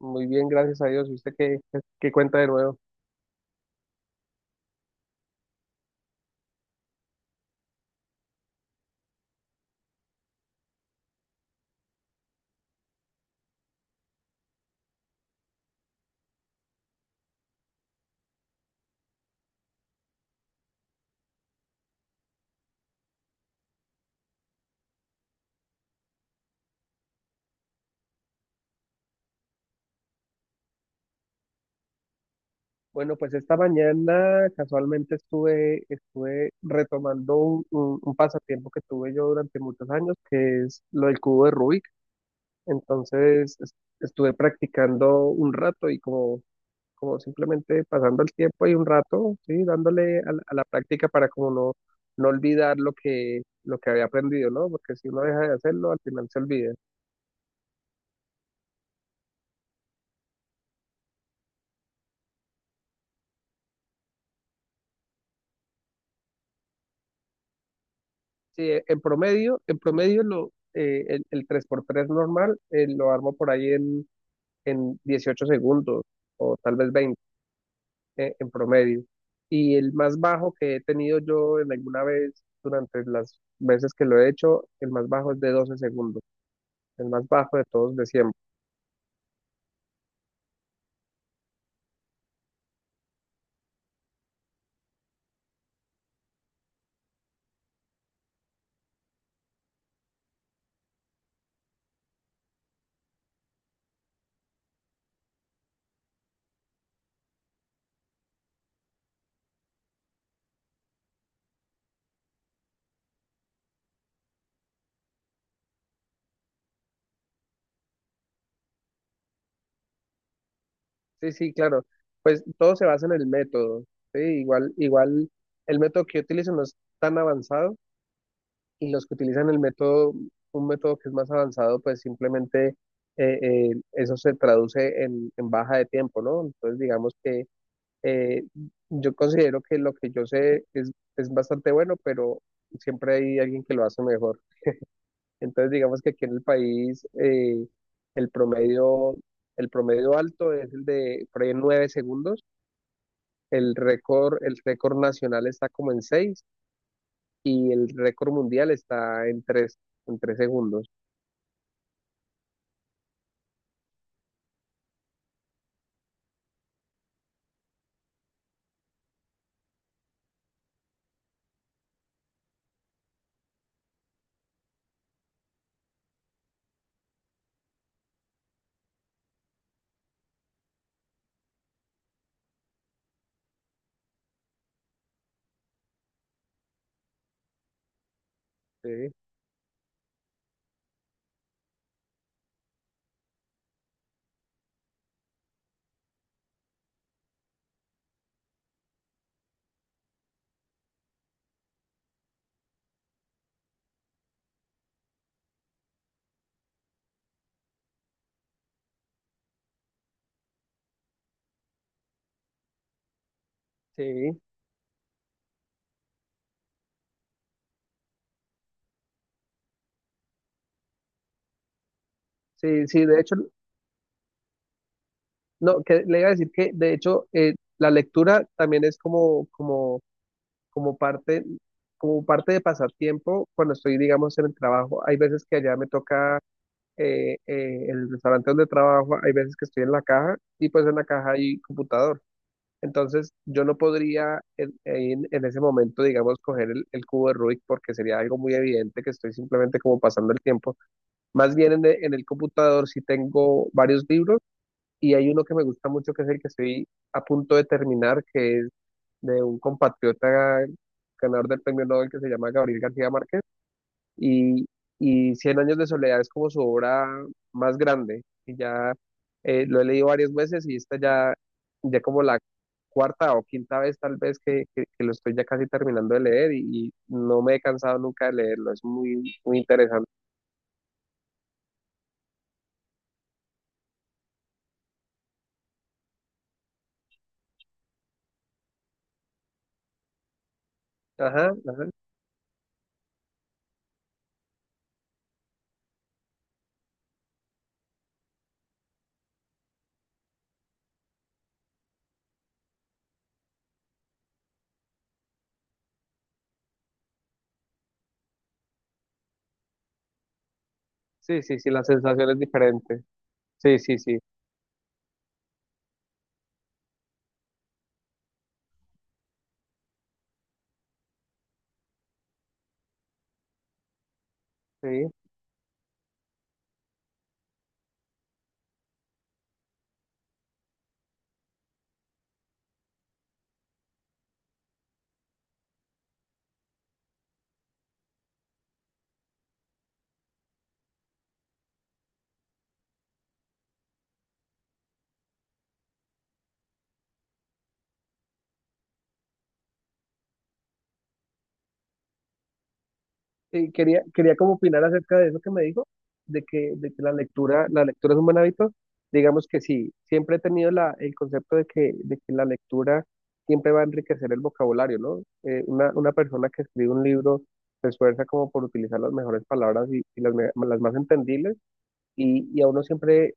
Muy bien, gracias a Dios. ¿Y usted qué cuenta de nuevo? Bueno, pues esta mañana casualmente estuve retomando un pasatiempo que tuve yo durante muchos años, que es lo del cubo de Rubik. Entonces es- Estuve practicando un rato y como simplemente pasando el tiempo y un rato, sí, dándole a la práctica para como no olvidar lo que había aprendido, ¿no? Porque si uno deja de hacerlo, al final se olvida. Sí, en promedio el 3x3 normal lo armo por ahí en 18 segundos o tal vez 20 en promedio. Y el más bajo que he tenido yo en alguna vez durante las veces que lo he hecho, el más bajo es de 12 segundos, el más bajo de todos de siempre. Sí, sí, claro. Pues todo se basa en el método, ¿sí? Igual el método que yo utilizo no es tan avanzado y los que utilizan el método, un método que es más avanzado, pues simplemente eso se traduce en baja de tiempo, ¿no? Entonces, digamos que eh, yo considero que lo que yo sé es bastante bueno, pero siempre hay alguien que lo hace mejor. Entonces, digamos que aquí en el país el promedio, el promedio alto es el de por ahí en 9 segundos. El récord nacional está como en 6 y el récord mundial está en tres segundos. Sí, sí, sí, sí, de hecho, no, que le iba a decir que de hecho la lectura también es como parte, como parte de pasatiempo cuando estoy, digamos, en el trabajo. Hay veces que allá me toca el restaurante donde trabajo, hay veces que estoy en la caja y pues en la caja hay computador. Entonces yo no podría en, en ese momento, digamos, coger el cubo de Rubik porque sería algo muy evidente que estoy simplemente como pasando el tiempo. Más bien en, en el computador sí tengo varios libros. Y hay uno que me gusta mucho, que es el que estoy a punto de terminar, que es de un compatriota ganador del premio Nobel que se llama Gabriel García Márquez. Y, y Cien años de soledad es como su obra más grande. Y ya lo he leído varias veces y esta ya, ya como la cuarta o quinta vez tal vez que lo estoy ya casi terminando de leer y no me he cansado nunca de leerlo. Es muy, muy interesante. Ajá, ajá. Sí, sí, sí, la sensación es diferente. Sí, sí, sí. Sí. Quería como opinar acerca de eso que me dijo, de que la lectura es un buen hábito. Digamos que sí, siempre he tenido el concepto de que la lectura siempre va a enriquecer el vocabulario, ¿no? Una persona que escribe un libro se esfuerza como por utilizar las mejores palabras y las más entendibles y a uno siempre,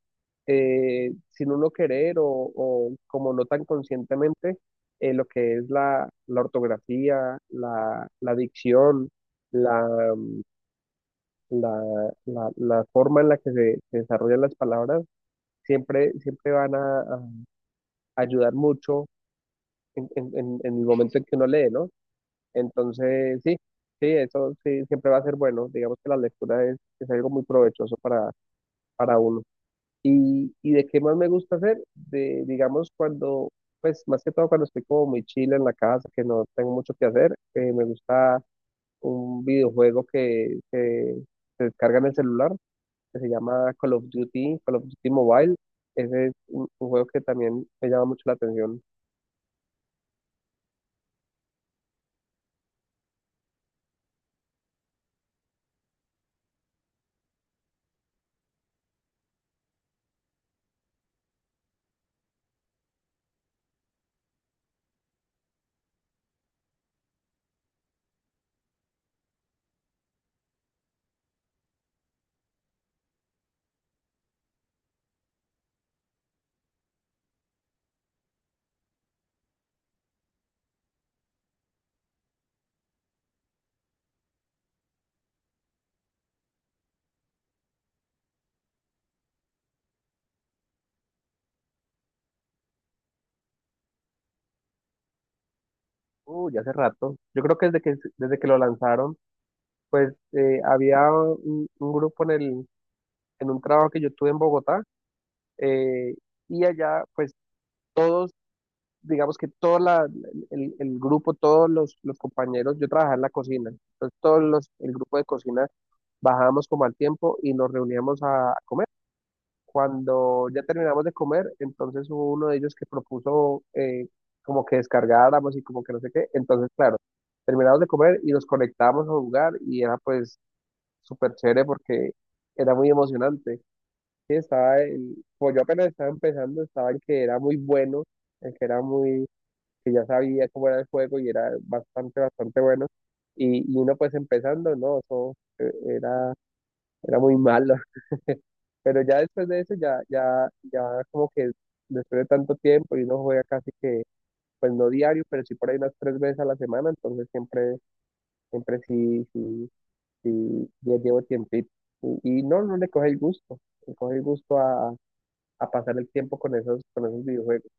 sin uno querer o como no tan conscientemente, lo que es la ortografía, la dicción, la, la forma en la que se desarrollan las palabras siempre van a ayudar mucho en, en el momento en que uno lee, ¿no? Entonces, sí, sí, eso sí, siempre va a ser bueno. Digamos que la lectura es algo muy provechoso para uno. Y de qué más me gusta hacer, digamos, cuando, pues más que todo cuando estoy como muy chile en la casa, que no tengo mucho que hacer, me gusta un videojuego se descarga en el celular que se llama Call of Duty Mobile. Ese es un juego que también me llama mucho la atención. Ya hace rato. Yo creo que desde que lo lanzaron, pues había un grupo en un trabajo que yo tuve en Bogotá, eh, y allá, pues todos, digamos que el grupo, todos los compañeros, yo trabajaba en la cocina, entonces el grupo de cocina bajábamos como al tiempo y nos reuníamos a comer. Cuando ya terminamos de comer, entonces hubo uno de ellos que propuso como que descargáramos y como que no sé qué. Entonces, claro, terminamos de comer y nos conectábamos a jugar y era pues súper chévere porque era muy emocionante. Sí, estaba el, pues yo apenas estaba empezando, estaba el que era muy bueno, el que era muy, que ya sabía cómo era el juego y era bastante, bastante bueno. Y uno pues empezando, ¿no? Eso eh, era, era muy malo. Pero ya después de eso, ya como que después de tanto tiempo y uno juega casi que, pues no diario, pero sí por ahí unas tres veces a la semana, entonces siempre sí, sí, sí, ya llevo tiempito. Y no, no le coge el gusto, le coge el gusto a pasar el tiempo con esos videojuegos.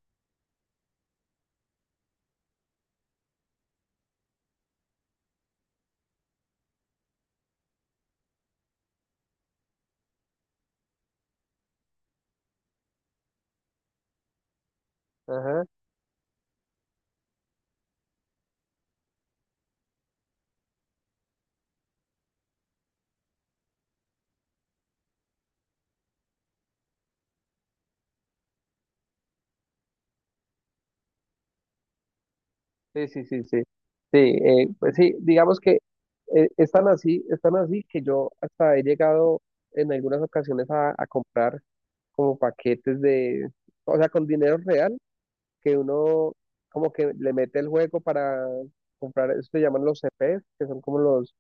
Ajá, sí, sí, sí, sí. Sí, pues sí, digamos que están así que yo hasta he llegado en algunas ocasiones a comprar como paquetes de, o sea, con dinero real, que uno como que le mete el juego para comprar, eso se llaman los CPs, que son como los,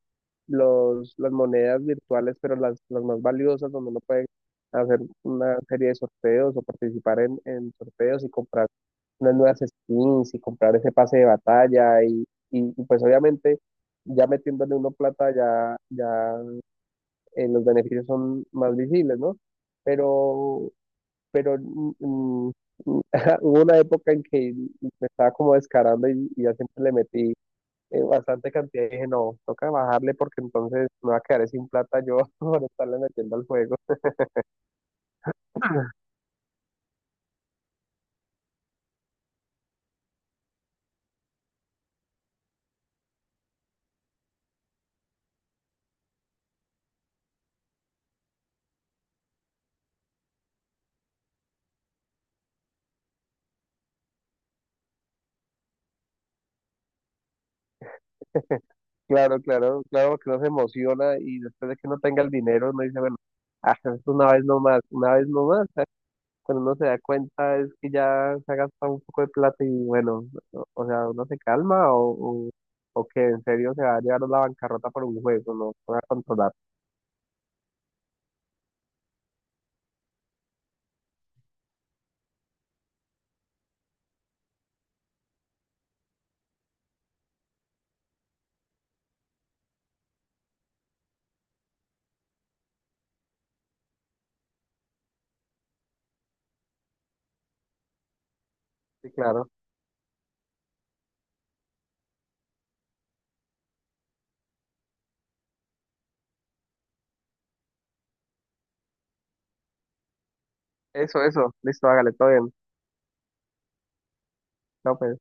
los, las monedas virtuales, pero las más valiosas, donde uno puede hacer una serie de sorteos o participar en sorteos y comprar unas nuevas skins y comprar ese pase de batalla y pues obviamente ya metiéndole uno plata ya los beneficios son más visibles, ¿no? Pero pero hubo una época en que me estaba como descarando y ya siempre le metí bastante cantidad y dije, no, toca bajarle porque entonces me va a quedar sin plata yo por estarle metiendo al juego. Claro, claro, claro que uno se emociona y después de que no tenga el dinero uno dice, bueno, es una vez nomás, una vez nomás. ¿Sabes? Cuando uno se da cuenta es que ya se ha gastado un poco de plata y bueno, o sea, uno se calma o que en serio se va a llevar a la bancarrota por un juego, no se va a controlar. Sí, claro. Eso, eso. Listo, hágale, todo bien. Chao, pues.